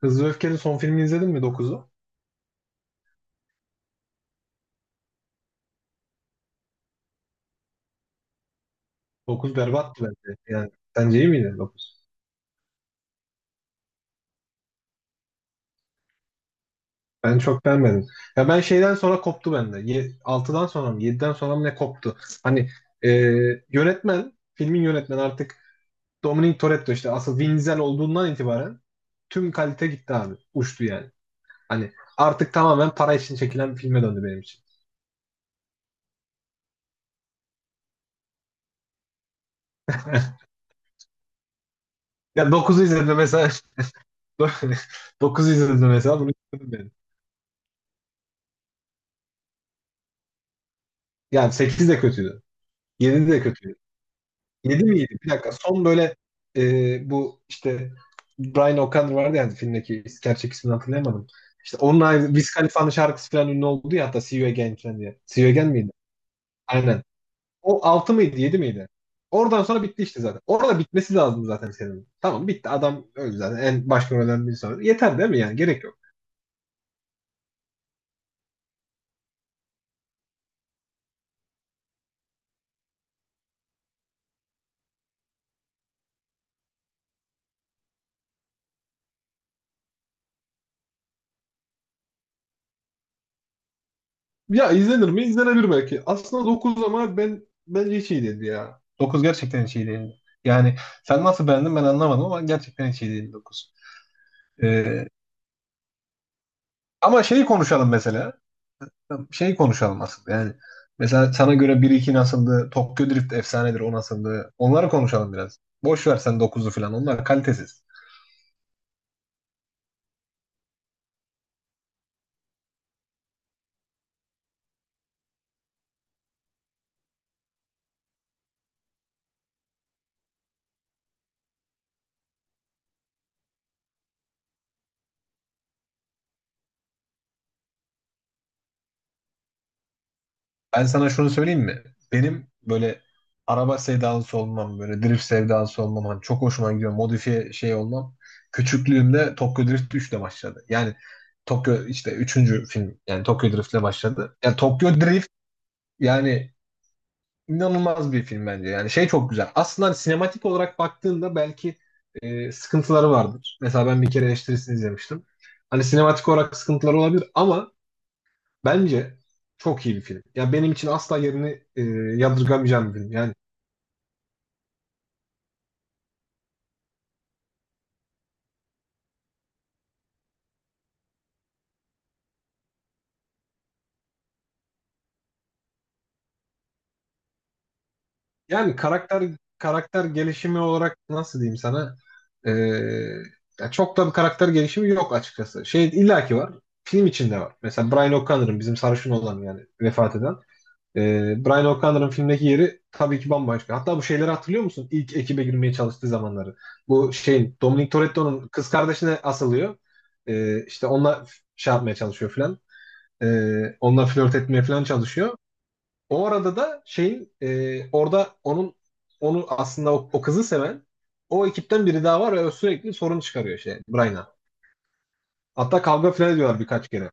Hızlı ve Öfke'nin son filmini izledin mi dokuzu? 9 berbattı bence. Yani sence iyi miydi 9? Ben çok beğenmedim. Ya ben şeyden sonra koptu bende. 6'dan sonra mı 7'den sonra mı ne koptu? Hani e, yönetmen, filmin yönetmeni artık Dominic Toretto işte asıl Vin Diesel olduğundan itibaren tüm kalite gitti abi. Uçtu yani. Hani artık tamamen para için çekilen bir filme döndü benim için. Ya dokuzu izledim mesela. Dokuzu izledim mesela bunu izledim ben. Yani 8 de kötüydü. 7 de kötüydü. 7 miydi? Bir dakika. Son böyle, bu işte Brian O'Connor vardı yani filmdeki gerçek ismini hatırlayamadım. İşte onun aynı Wiz Khalifa'nın şarkısı falan ünlü oldu ya hatta See You Again falan diye. See You Again miydi? Aynen. O 6 mıydı yedi miydi? Oradan sonra bitti işte zaten. Orada bitmesi lazım zaten senin. Tamam bitti. Adam öldü zaten. En başka ölen bir sonra. Yeter değil mi yani? Gerek yok. Ya izlenir mi? İzlenebilir belki. Aslında 9 ama ben bence hiç iyi değildi ya. Dokuz gerçekten hiç iyi değildi. Yani sen nasıl beğendin ben anlamadım ama gerçekten hiç iyi değildi 9. Ee, ama şeyi konuşalım mesela. Şeyi konuşalım aslında yani. Mesela sana göre bir iki nasıldı? Tokyo Drift efsanedir, o nasıldı? Onları konuşalım biraz. Boş ver sen dokuzu falan. Onlar kalitesiz. Ben sana şunu söyleyeyim mi? Benim böyle araba sevdalısı olmam, böyle drift sevdalısı olmam, hani çok hoşuma gidiyor, modifiye şey olmam. Küçüklüğümde Tokyo Drift 3'le başladı. Yani Tokyo işte üçüncü film, yani Tokyo Drift'le başladı. Yani Tokyo Drift yani inanılmaz bir film bence. Yani şey çok güzel. Aslında hani sinematik olarak baktığında belki sıkıntıları vardır. Mesela ben bir kere eleştirisini izlemiştim. Hani sinematik olarak sıkıntıları olabilir ama bence çok iyi bir film. Ya benim için asla yerini yadırgamayacağım bir film. Yani karakter gelişimi olarak nasıl diyeyim sana? E, ya çok da bir karakter gelişimi yok açıkçası. Şey illaki var. Film içinde var. Mesela Brian O'Connor'ın bizim sarışın olan yani vefat eden. E, Brian O'Connor'ın filmdeki yeri tabii ki bambaşka. Hatta bu şeyleri hatırlıyor musun? İlk ekibe girmeye çalıştığı zamanları. Bu şeyin Dominic Toretto'nun kız kardeşine asılıyor. İşte onunla şey yapmaya çalışıyor filan. Onunla flört etmeye falan çalışıyor. O arada da şeyin, orada onun onu aslında o kızı seven o ekipten biri daha var ve o sürekli sorun çıkarıyor şey Brian'a. Hatta kavga falan ediyorlar birkaç kere.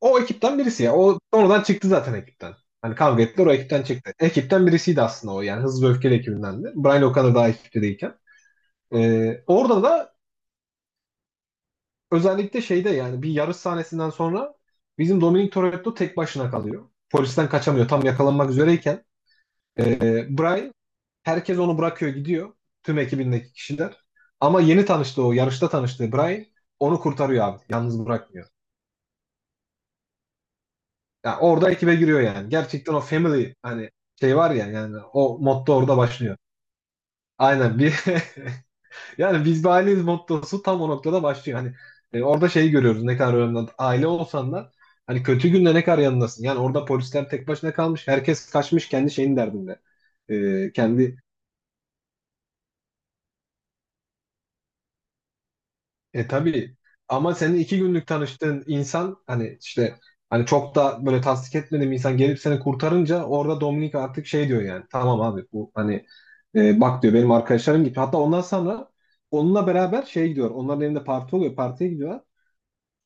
O ekipten birisi ya. O sonradan çıktı zaten ekipten. Hani kavga ettiler, o ekipten çıktı. Ekipten birisiydi aslında o, yani Hızlı ve Öfkeli ekibindendi. Brian o kadar daha ekipte değilken. Orada da özellikle şeyde yani bir yarış sahnesinden sonra bizim Dominic Toretto tek başına kalıyor. Polisten kaçamıyor, tam yakalanmak üzereyken. Bray herkes onu bırakıyor gidiyor. Tüm ekibindeki kişiler. Ama yeni tanıştığı, o yarışta tanıştığı Bray onu kurtarıyor abi. Yalnız bırakmıyor. Yani orada ekibe giriyor yani. Gerçekten o family, hani şey var ya, yani o motto orada başlıyor. Aynen bir yani biz bir aileyiz mottosu tam o noktada başlıyor. Hani orada şeyi görüyoruz ne kadar önemli. Aile olsan da hani kötü günde ne kadar yanındasın. Yani orada polisler tek başına kalmış. Herkes kaçmış kendi şeyin derdinde. Kendi E tabii ama senin iki günlük tanıştığın insan, hani işte hani çok da böyle tasdik etmediğim insan gelip seni kurtarınca orada Dominik artık şey diyor yani, tamam abi bu hani, bak diyor benim arkadaşlarım gibi. Hatta ondan sonra onunla beraber şey gidiyor, onların evinde parti oluyor, partiye gidiyorlar.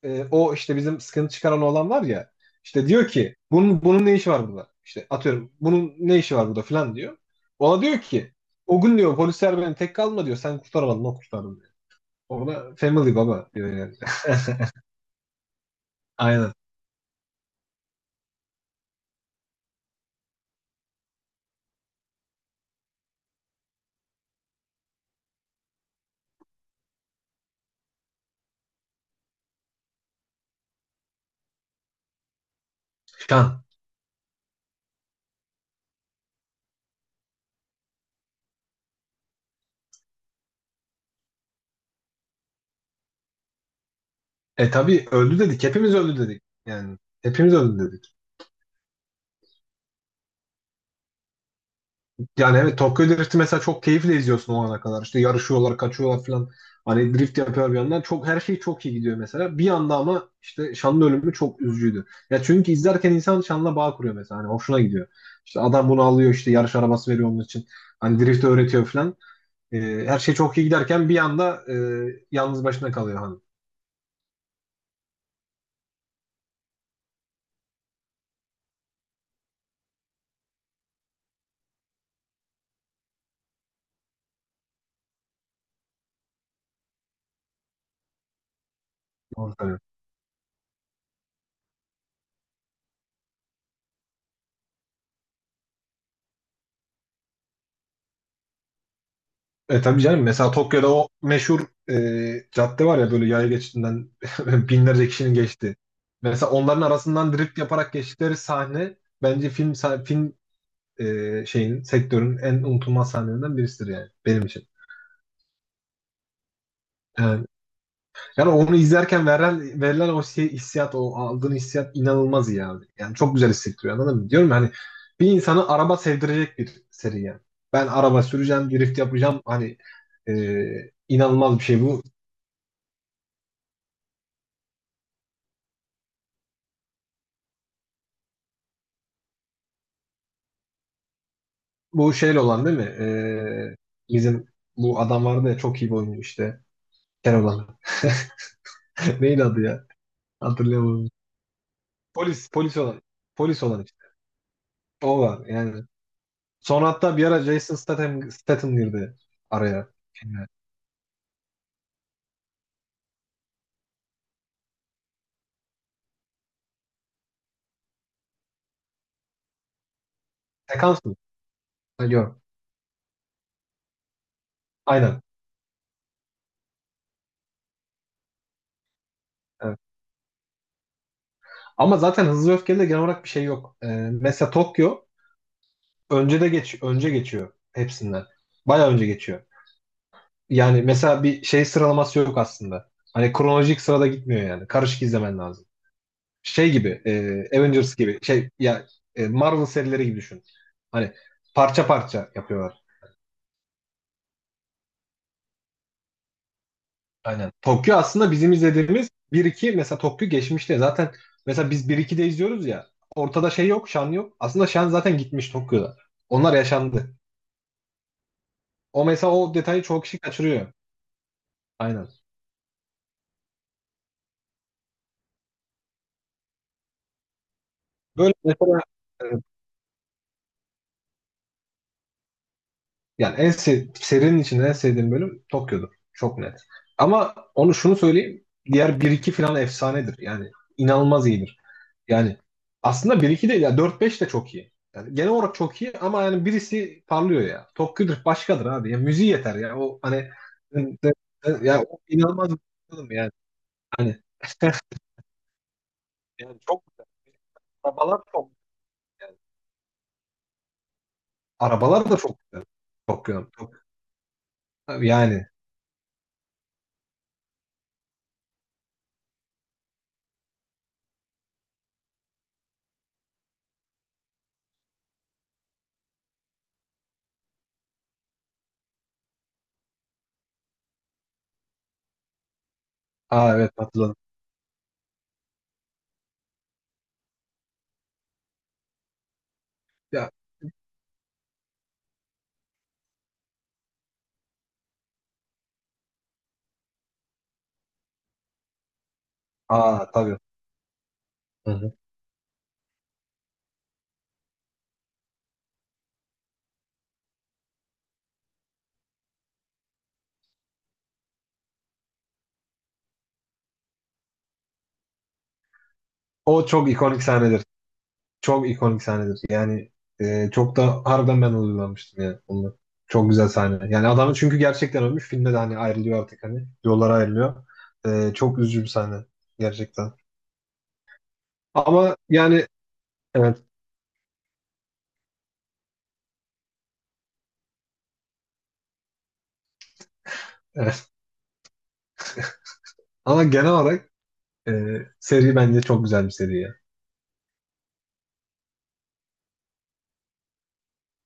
O işte bizim sıkıntı çıkaran olan var ya, işte diyor ki bunun ne işi var burada? İşte atıyorum bunun ne işi var burada falan diyor. Ona diyor ki o gün diyor polisler beni tek kalma diyor, sen kurtaramadın, o kurtardı diyor. Ona family baba diyor yani. Aynen. Şan. E tabii, öldü dedik. Hepimiz öldü dedik. Yani hepimiz öldü dedik. Yani evet, Tokyo Drift'i mesela çok keyifle izliyorsun o ana kadar. İşte yarışıyorlar, kaçıyorlar falan. Hani drift yapıyor bir yandan. Çok, her şey çok iyi gidiyor mesela. Bir yanda ama işte Şan'ın ölümü çok üzücüydü. Ya çünkü izlerken insan Şan'la bağ kuruyor mesela. Hani hoşuna gidiyor. İşte adam bunu alıyor, işte yarış arabası veriyor onun için. Hani drift öğretiyor falan. E, her şey çok iyi giderken bir anda yalnız başına kalıyor hani. Doğru söylüyorsun. E tabii canım, mesela Tokyo'da o meşhur cadde var ya, böyle yaya geçidinden binlerce kişinin geçti. Mesela onların arasından drift yaparak geçtikleri sahne bence film sah- film e, şeyin sektörün en unutulmaz sahnelerinden birisidir yani benim için. Yani, yani onu izlerken verilen hissiyat, o aldığın hissiyat inanılmaz iyi abi. Yani çok güzel hissettiriyor, anladın mı? Diyorum ya hani bir insanı araba sevdirecek bir seri yani. Ben araba süreceğim, drift yapacağım, hani e, inanılmaz bir şey bu. Bu şeyle olan değil mi? Bizim bu adam vardı ya, çok iyi bir oyuncu işte. Kel olan. Neydi adı ya? Hatırlayamadım. Polis olan. Polis olan işte. O var yani. Sonra hatta bir ara Jason Statham girdi araya. Yani, sekans mı? Ha, yok. Aynen. Evet. Ama zaten Hızlı Öfke'de de genel olarak bir şey yok. Mesela Tokyo önce geçiyor hepsinden. Bayağı önce geçiyor. Yani mesela bir şey sıralaması yok aslında. Hani kronolojik sırada gitmiyor yani. Karışık izlemen lazım. şey gibi Avengers gibi Marvel serileri gibi düşün. Hani parça parça yapıyorlar. Aynen. Tokyo aslında bizim izlediğimiz bir iki, mesela Tokyo geçmişte zaten, mesela biz 1-2'de izliyoruz ya, ortada şey yok, Şan yok. Aslında Şan zaten gitmiş Tokyo'da. Onlar yaşandı. O mesela, o detayı çoğu kişi kaçırıyor. Aynen. Böyle mesela e, Yani en sev serinin içinde en sevdiğim bölüm Tokyo'dur. Çok net. Ama onu şunu söyleyeyim. Diğer bir iki falan efsanedir. Yani inanılmaz iyidir. Yani aslında bir iki değil ya, dört beş de çok iyi. Yani genel olarak çok iyi ama yani birisi parlıyor ya. Tokyo'dur, başkadır abi. Ya müziği yeter ya. O hani, ya o inanılmaz bir film yani. Hani yani çok güzel. Arabalar çok güzel. Arabalar da çok güzel. Tokyo'nun. Çok, yani. Aa evet, hatırladım. Ya, aa tabii. Hı hı. O çok ikonik sahnedir. Çok ikonik sahnedir. Çok da harbiden ben duygulanmıştım yani onunla. Çok güzel sahne. Yani adam çünkü gerçekten ölmüş. Filmde de hani ayrılıyor artık hani. Yollara ayrılıyor. Çok üzücü bir sahne. Gerçekten. Ama yani evet. evet. Ama genel olarak e, seri bence çok güzel bir seri ya.